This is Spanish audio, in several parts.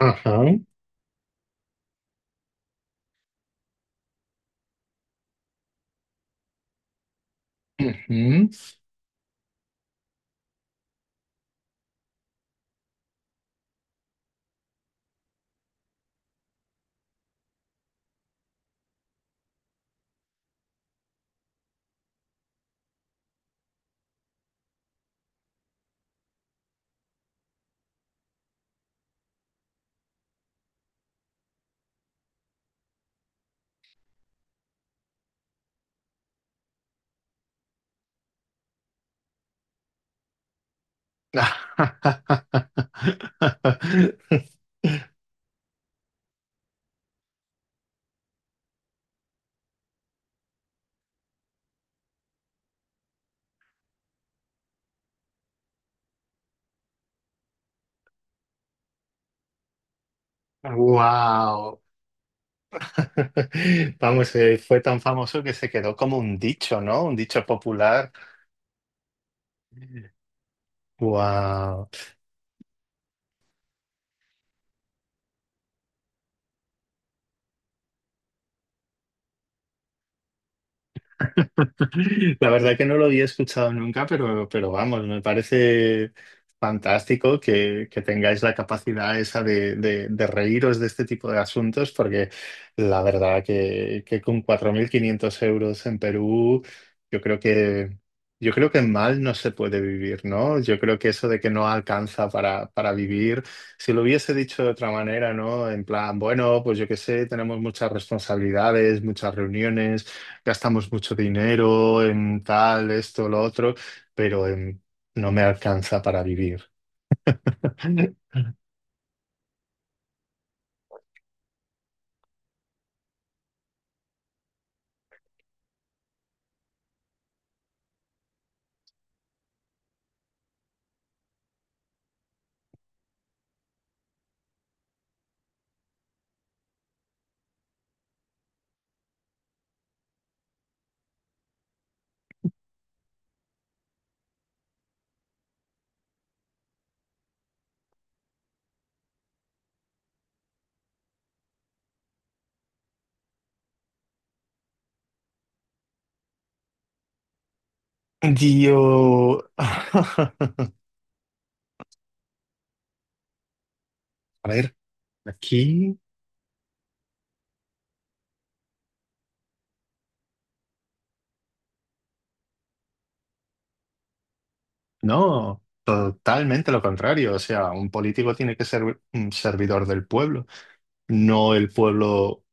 Ajá. Ujú. Wow. Vamos, fue tan famoso que se quedó como un dicho, ¿no? Un dicho popular. Wow. La verdad que no lo había escuchado nunca, pero, vamos, me parece fantástico que tengáis la capacidad esa de reíros de este tipo de asuntos, porque la verdad que con 4.500 euros en Perú, yo creo que, yo creo que mal no se puede vivir, ¿no? Yo creo que eso de que no alcanza para vivir, si lo hubiese dicho de otra manera, ¿no? En plan, bueno, pues yo qué sé, tenemos muchas responsabilidades, muchas reuniones gastamos mucho dinero en tal, esto, lo otro, pero no me alcanza para vivir. Dio. A ver, aquí. No, totalmente lo contrario. O sea, un político tiene que ser un servidor del pueblo, no el pueblo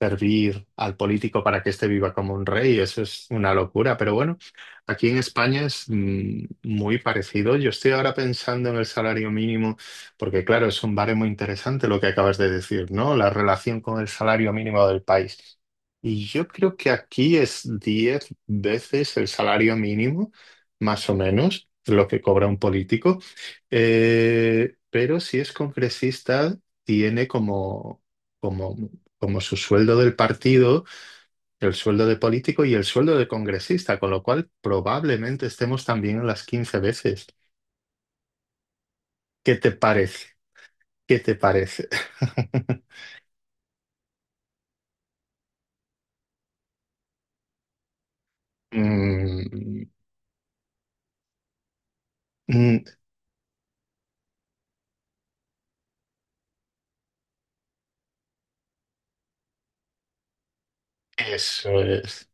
servir al político para que éste viva como un rey. Eso es una locura. Pero bueno, aquí en España es muy parecido. Yo estoy ahora pensando en el salario mínimo, porque claro, es un baremo interesante lo que acabas de decir, ¿no? La relación con el salario mínimo del país. Y yo creo que aquí es 10 veces el salario mínimo más o menos, lo que cobra un político. Pero si es congresista, tiene como, como su sueldo del partido, el sueldo de político y el sueldo de congresista, con lo cual probablemente estemos también en las 15 veces. ¿Qué te parece? ¿Qué te parece? Mm, mm, eso es.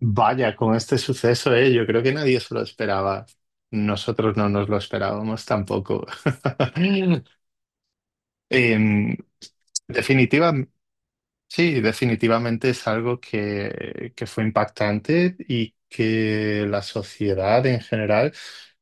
Vaya, con este suceso, yo creo que nadie se lo esperaba. Nosotros no nos lo esperábamos tampoco. Em, definitiva, sí, definitivamente es algo que fue impactante y que la sociedad en general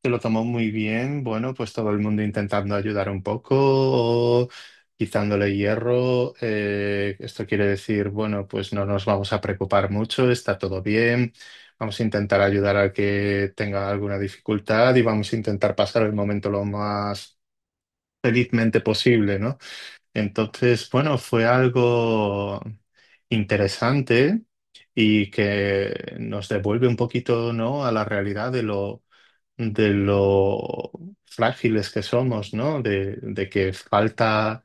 se lo tomó muy bien. Bueno, pues todo el mundo intentando ayudar un poco o quitándole hierro. Esto quiere decir, bueno, pues no nos vamos a preocupar mucho, está todo bien. Vamos a intentar ayudar al que tenga alguna dificultad y vamos a intentar pasar el momento lo más felizmente posible, ¿no? Entonces, bueno, fue algo interesante y que nos devuelve un poquito, ¿no?, a la realidad de lo frágiles que somos, ¿no? De que falta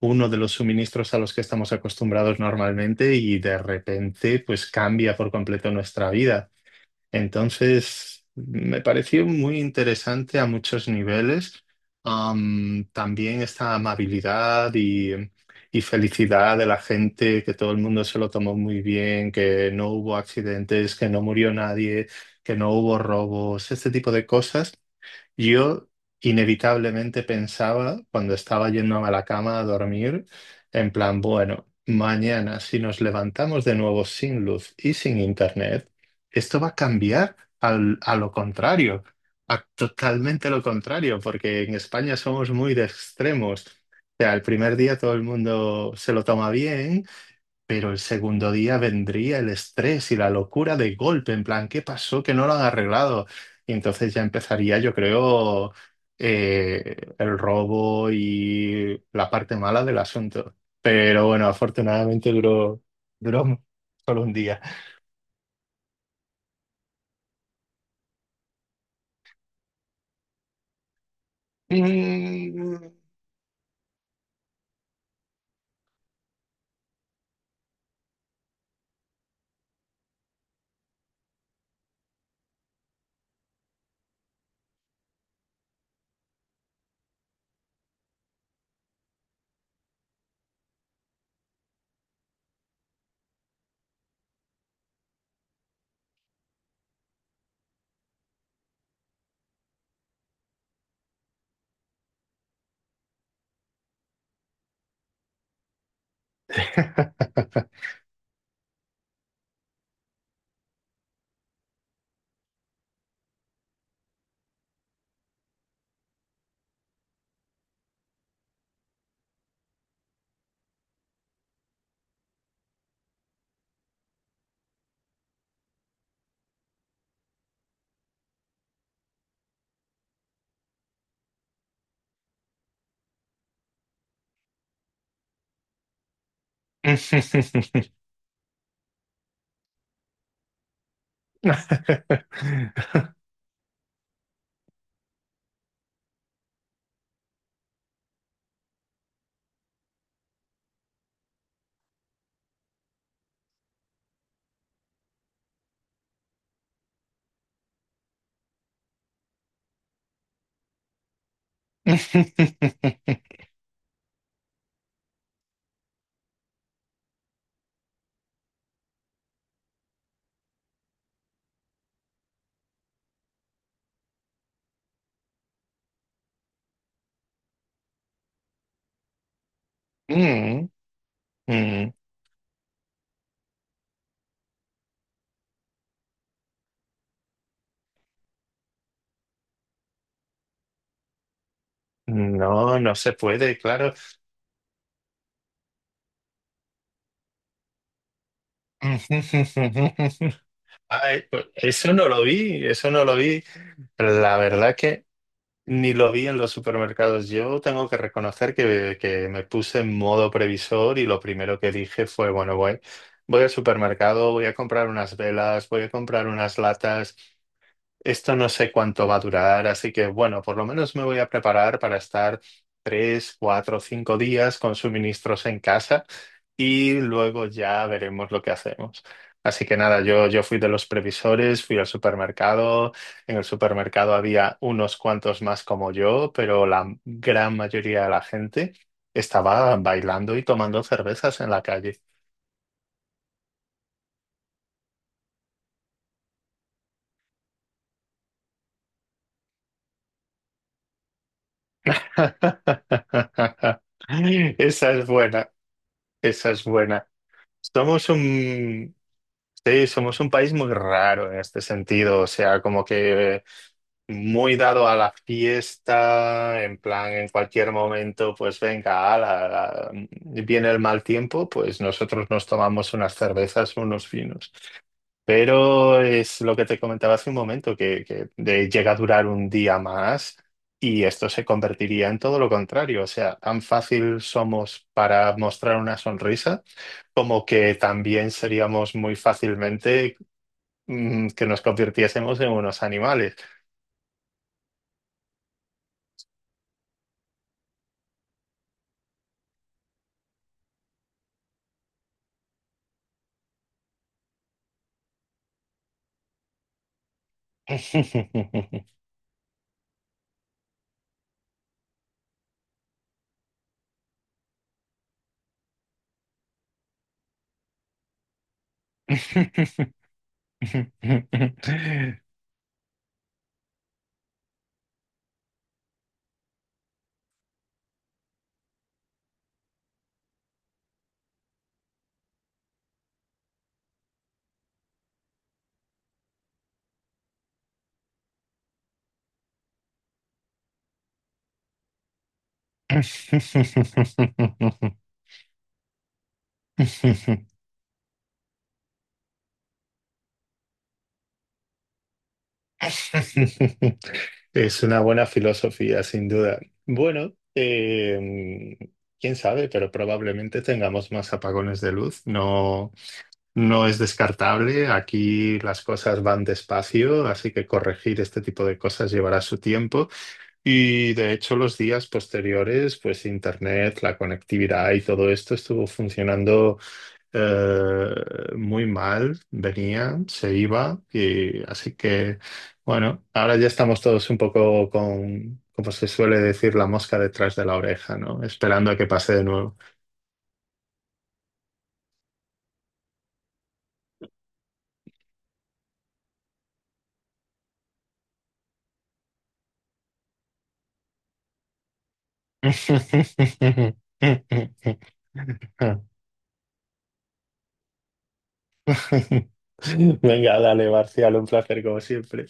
uno de los suministros a los que estamos acostumbrados normalmente y de repente, pues cambia por completo nuestra vida. Entonces, me pareció muy interesante a muchos niveles. También esta amabilidad y felicidad de la gente, que todo el mundo se lo tomó muy bien, que no hubo accidentes, que no murió nadie, que no hubo robos, este tipo de cosas yo inevitablemente pensaba cuando estaba yéndome a la cama a dormir, en plan, bueno, mañana si nos levantamos de nuevo sin luz y sin internet, esto va a cambiar a lo contrario, a totalmente lo contrario, porque en España somos muy de extremos. O sea, el primer día todo el mundo se lo toma bien, pero el segundo día vendría el estrés y la locura de golpe, en plan, ¿qué pasó que no lo han arreglado? Y entonces ya empezaría, yo creo, el robo y la parte mala del asunto. Pero bueno, afortunadamente duró solo un día. Mm. Mm, mm. No, no se puede, claro. Ay, pues, eso no lo vi. La verdad que ni lo vi en los supermercados. Yo tengo que reconocer que me puse en modo previsor y lo primero que dije fue, bueno, voy al supermercado, voy a comprar unas velas, voy a comprar unas latas, esto no sé cuánto va a durar, así que bueno, por lo menos me voy a preparar para estar 3, 4, 5 días con suministros en casa y luego ya veremos lo que hacemos. Así que nada, yo fui de los previsores, fui al supermercado. En el supermercado había unos cuantos más como yo, pero la gran mayoría de la gente estaba bailando y tomando cervezas en la calle. Esa es buena, esa es buena. Somos un, sí, somos un país muy raro en este sentido, o sea, como que muy dado a la fiesta, en plan, en cualquier momento, pues venga, ala, viene el mal tiempo, pues nosotros nos tomamos unas cervezas, unos vinos. Pero es lo que te comentaba hace un momento, que llega a durar un día más y esto se convertiría en todo lo contrario, o sea, tan fácil somos para mostrar una sonrisa como que también seríamos muy fácilmente que nos convirtiésemos en unos animales. Es una buena filosofía, sin duda. Bueno, quién sabe, pero probablemente tengamos más apagones de luz. No, no es descartable. Aquí las cosas van despacio, así que corregir este tipo de cosas llevará su tiempo. Y de hecho los días posteriores, pues internet, la conectividad y todo esto estuvo funcionando eh, muy mal, venía, se iba, y así que bueno, ahora ya estamos todos un poco con, como se suele decir, la mosca detrás de la oreja, ¿no? Esperando a que pase de nuevo. Venga, dale, Marcial, un placer como siempre.